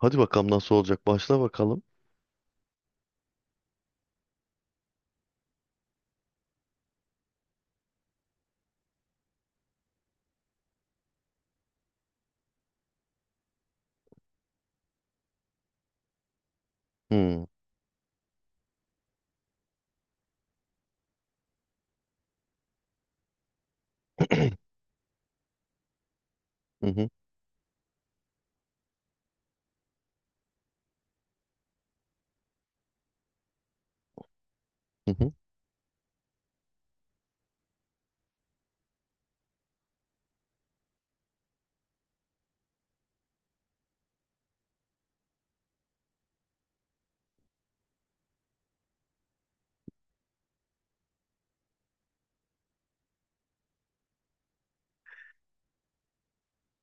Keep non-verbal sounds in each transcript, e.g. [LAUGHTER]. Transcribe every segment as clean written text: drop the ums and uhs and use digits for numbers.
Hadi bakalım nasıl olacak. Başla bakalım. Hmm. [CLEARS THROAT] Hı hı, hı hı.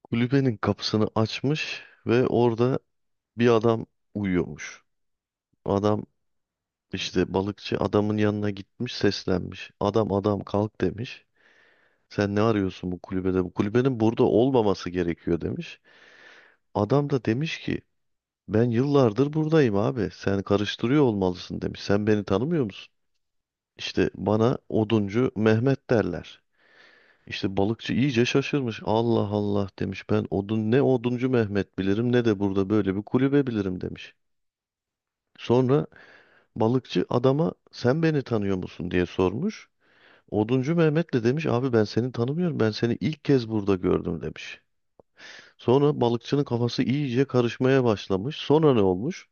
Kulübenin kapısını açmış ve orada bir adam uyuyormuş. Adam işte balıkçı adamın yanına gitmiş seslenmiş. Adam adam kalk demiş. Sen ne arıyorsun bu kulübede? Bu kulübenin burada olmaması gerekiyor demiş. Adam da demiş ki ben yıllardır buradayım abi. Sen karıştırıyor olmalısın demiş. Sen beni tanımıyor musun? İşte bana Oduncu Mehmet derler. İşte balıkçı iyice şaşırmış. Allah Allah demiş. Ben odun ne Oduncu Mehmet bilirim ne de burada böyle bir kulübe bilirim demiş. Sonra balıkçı adama sen beni tanıyor musun diye sormuş. Oduncu Mehmet de demiş abi ben seni tanımıyorum. Ben seni ilk kez burada gördüm demiş. Sonra balıkçının kafası iyice karışmaya başlamış. Sonra ne olmuş?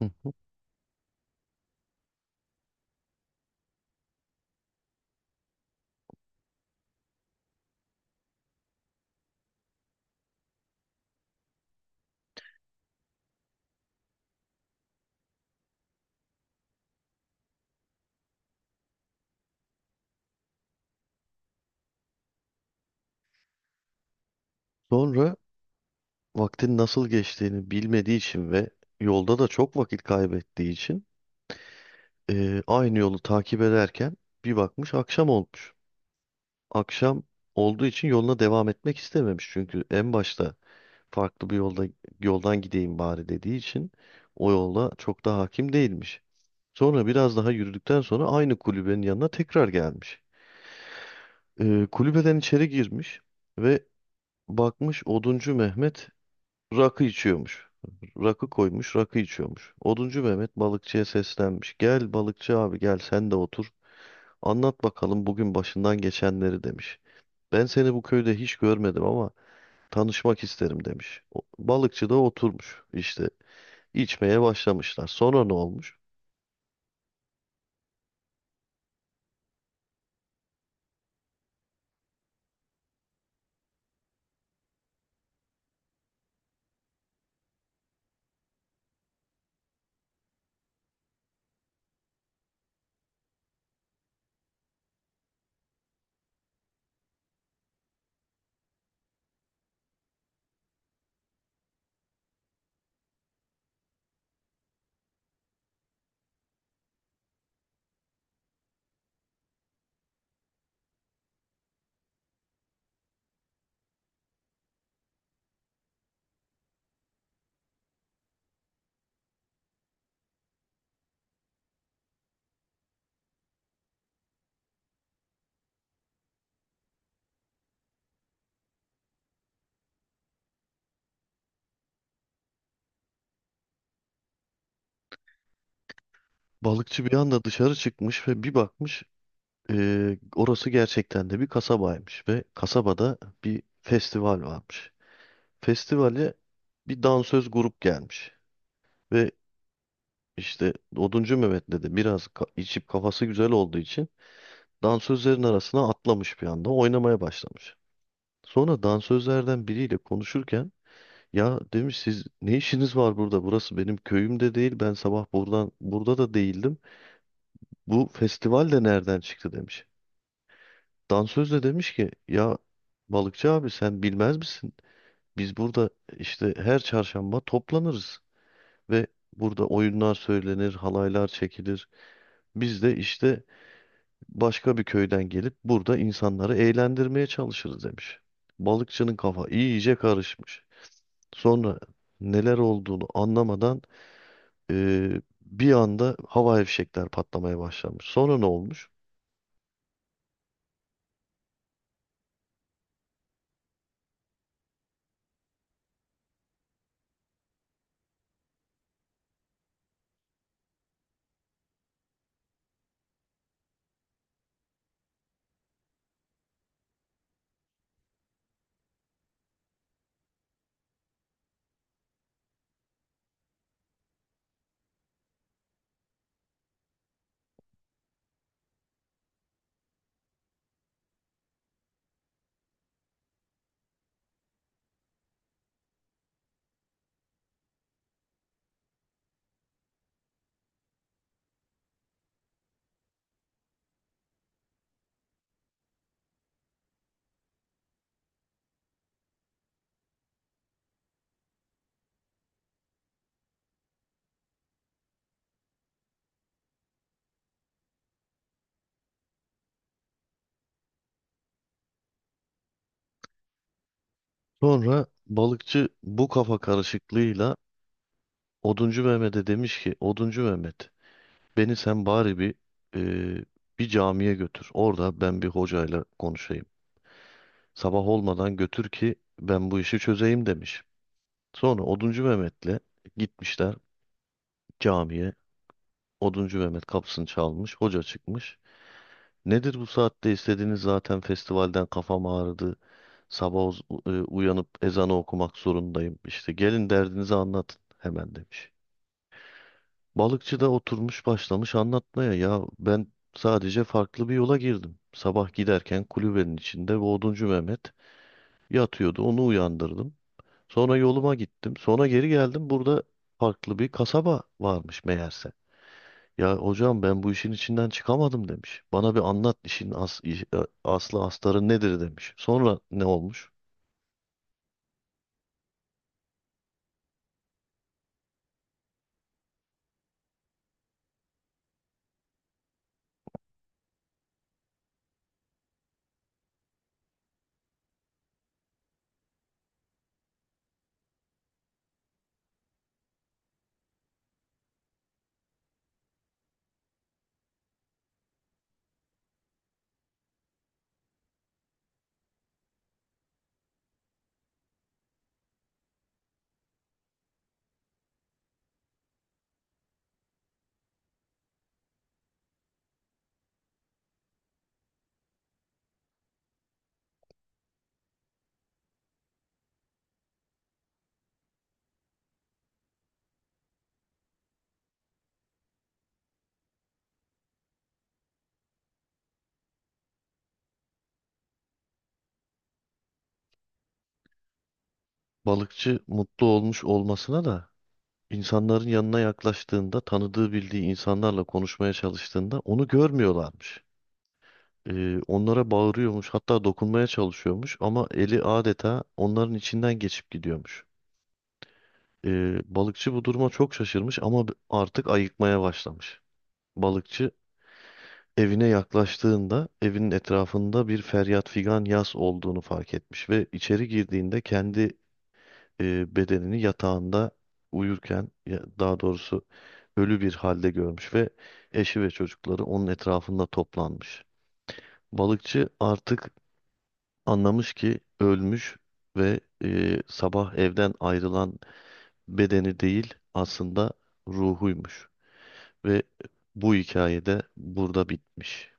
Hı hı. Sonra vaktin nasıl geçtiğini bilmediği için ve yolda da çok vakit kaybettiği için aynı yolu takip ederken bir bakmış akşam olmuş. Akşam olduğu için yoluna devam etmek istememiş. Çünkü en başta farklı bir yolda yoldan gideyim bari dediği için o yola çok da hakim değilmiş. Sonra biraz daha yürüdükten sonra aynı kulübenin yanına tekrar gelmiş. Kulübeden içeri girmiş ve bakmış Oduncu Mehmet rakı içiyormuş. Rakı koymuş, rakı içiyormuş. Oduncu Mehmet balıkçıya seslenmiş. Gel balıkçı abi gel sen de otur. Anlat bakalım bugün başından geçenleri demiş. Ben seni bu köyde hiç görmedim ama tanışmak isterim demiş. Balıkçı da oturmuş işte içmeye başlamışlar. Sonra ne olmuş? Balıkçı bir anda dışarı çıkmış ve bir bakmış orası gerçekten de bir kasabaymış ve kasabada bir festival varmış. Festivale bir dansöz grup gelmiş ve işte Oduncu Mehmet de biraz içip kafası güzel olduğu için dansözlerin arasına atlamış bir anda oynamaya başlamış. Sonra dansözlerden biriyle konuşurken ya demiş siz ne işiniz var burada? Burası benim köyüm de değil. Ben sabah buradan burada da değildim. Bu festival de nereden çıktı demiş. Dansöz de demiş ki ya balıkçı abi sen bilmez misin? Biz burada işte her çarşamba toplanırız ve burada oyunlar söylenir, halaylar çekilir. Biz de işte başka bir köyden gelip burada insanları eğlendirmeye çalışırız demiş. Balıkçının kafa iyice karışmış. Sonra neler olduğunu anlamadan bir anda hava fişekler patlamaya başlamış. Sonra ne olmuş? Sonra balıkçı bu kafa karışıklığıyla Oduncu Mehmet'e demiş ki Oduncu Mehmet beni sen bari e, bir camiye götür. Orada ben bir hocayla konuşayım. Sabah olmadan götür ki ben bu işi çözeyim demiş. Sonra Oduncu Mehmet'le gitmişler camiye. Oduncu Mehmet kapısını çalmış, hoca çıkmış. Nedir bu saatte istediğiniz zaten festivalden kafam ağrıdı. Sabah uyanıp ezanı okumak zorundayım. İşte gelin derdinizi anlatın hemen demiş. Balıkçı da oturmuş başlamış anlatmaya. Ya ben sadece farklı bir yola girdim. Sabah giderken kulübenin içinde bu Oduncu Mehmet yatıyordu. Onu uyandırdım. Sonra yoluma gittim. Sonra geri geldim. Burada farklı bir kasaba varmış meğerse. Ya hocam ben bu işin içinden çıkamadım demiş. Bana bir anlat işin as, iş- e, aslı astarı nedir demiş. Sonra ne olmuş? Balıkçı mutlu olmuş olmasına da insanların yanına yaklaştığında tanıdığı bildiği insanlarla konuşmaya çalıştığında onu görmüyorlarmış. Onlara bağırıyormuş hatta dokunmaya çalışıyormuş ama eli adeta onların içinden geçip gidiyormuş. Balıkçı bu duruma çok şaşırmış ama artık ayıkmaya başlamış. Balıkçı evine yaklaştığında evinin etrafında bir feryat figan yas olduğunu fark etmiş ve içeri girdiğinde kendi bedenini yatağında daha doğrusu ölü bir halde görmüş ve eşi ve çocukları onun etrafında toplanmış. Balıkçı artık anlamış ki ölmüş ve sabah evden ayrılan bedeni değil aslında ruhuymuş ve bu hikayede burada bitmiş.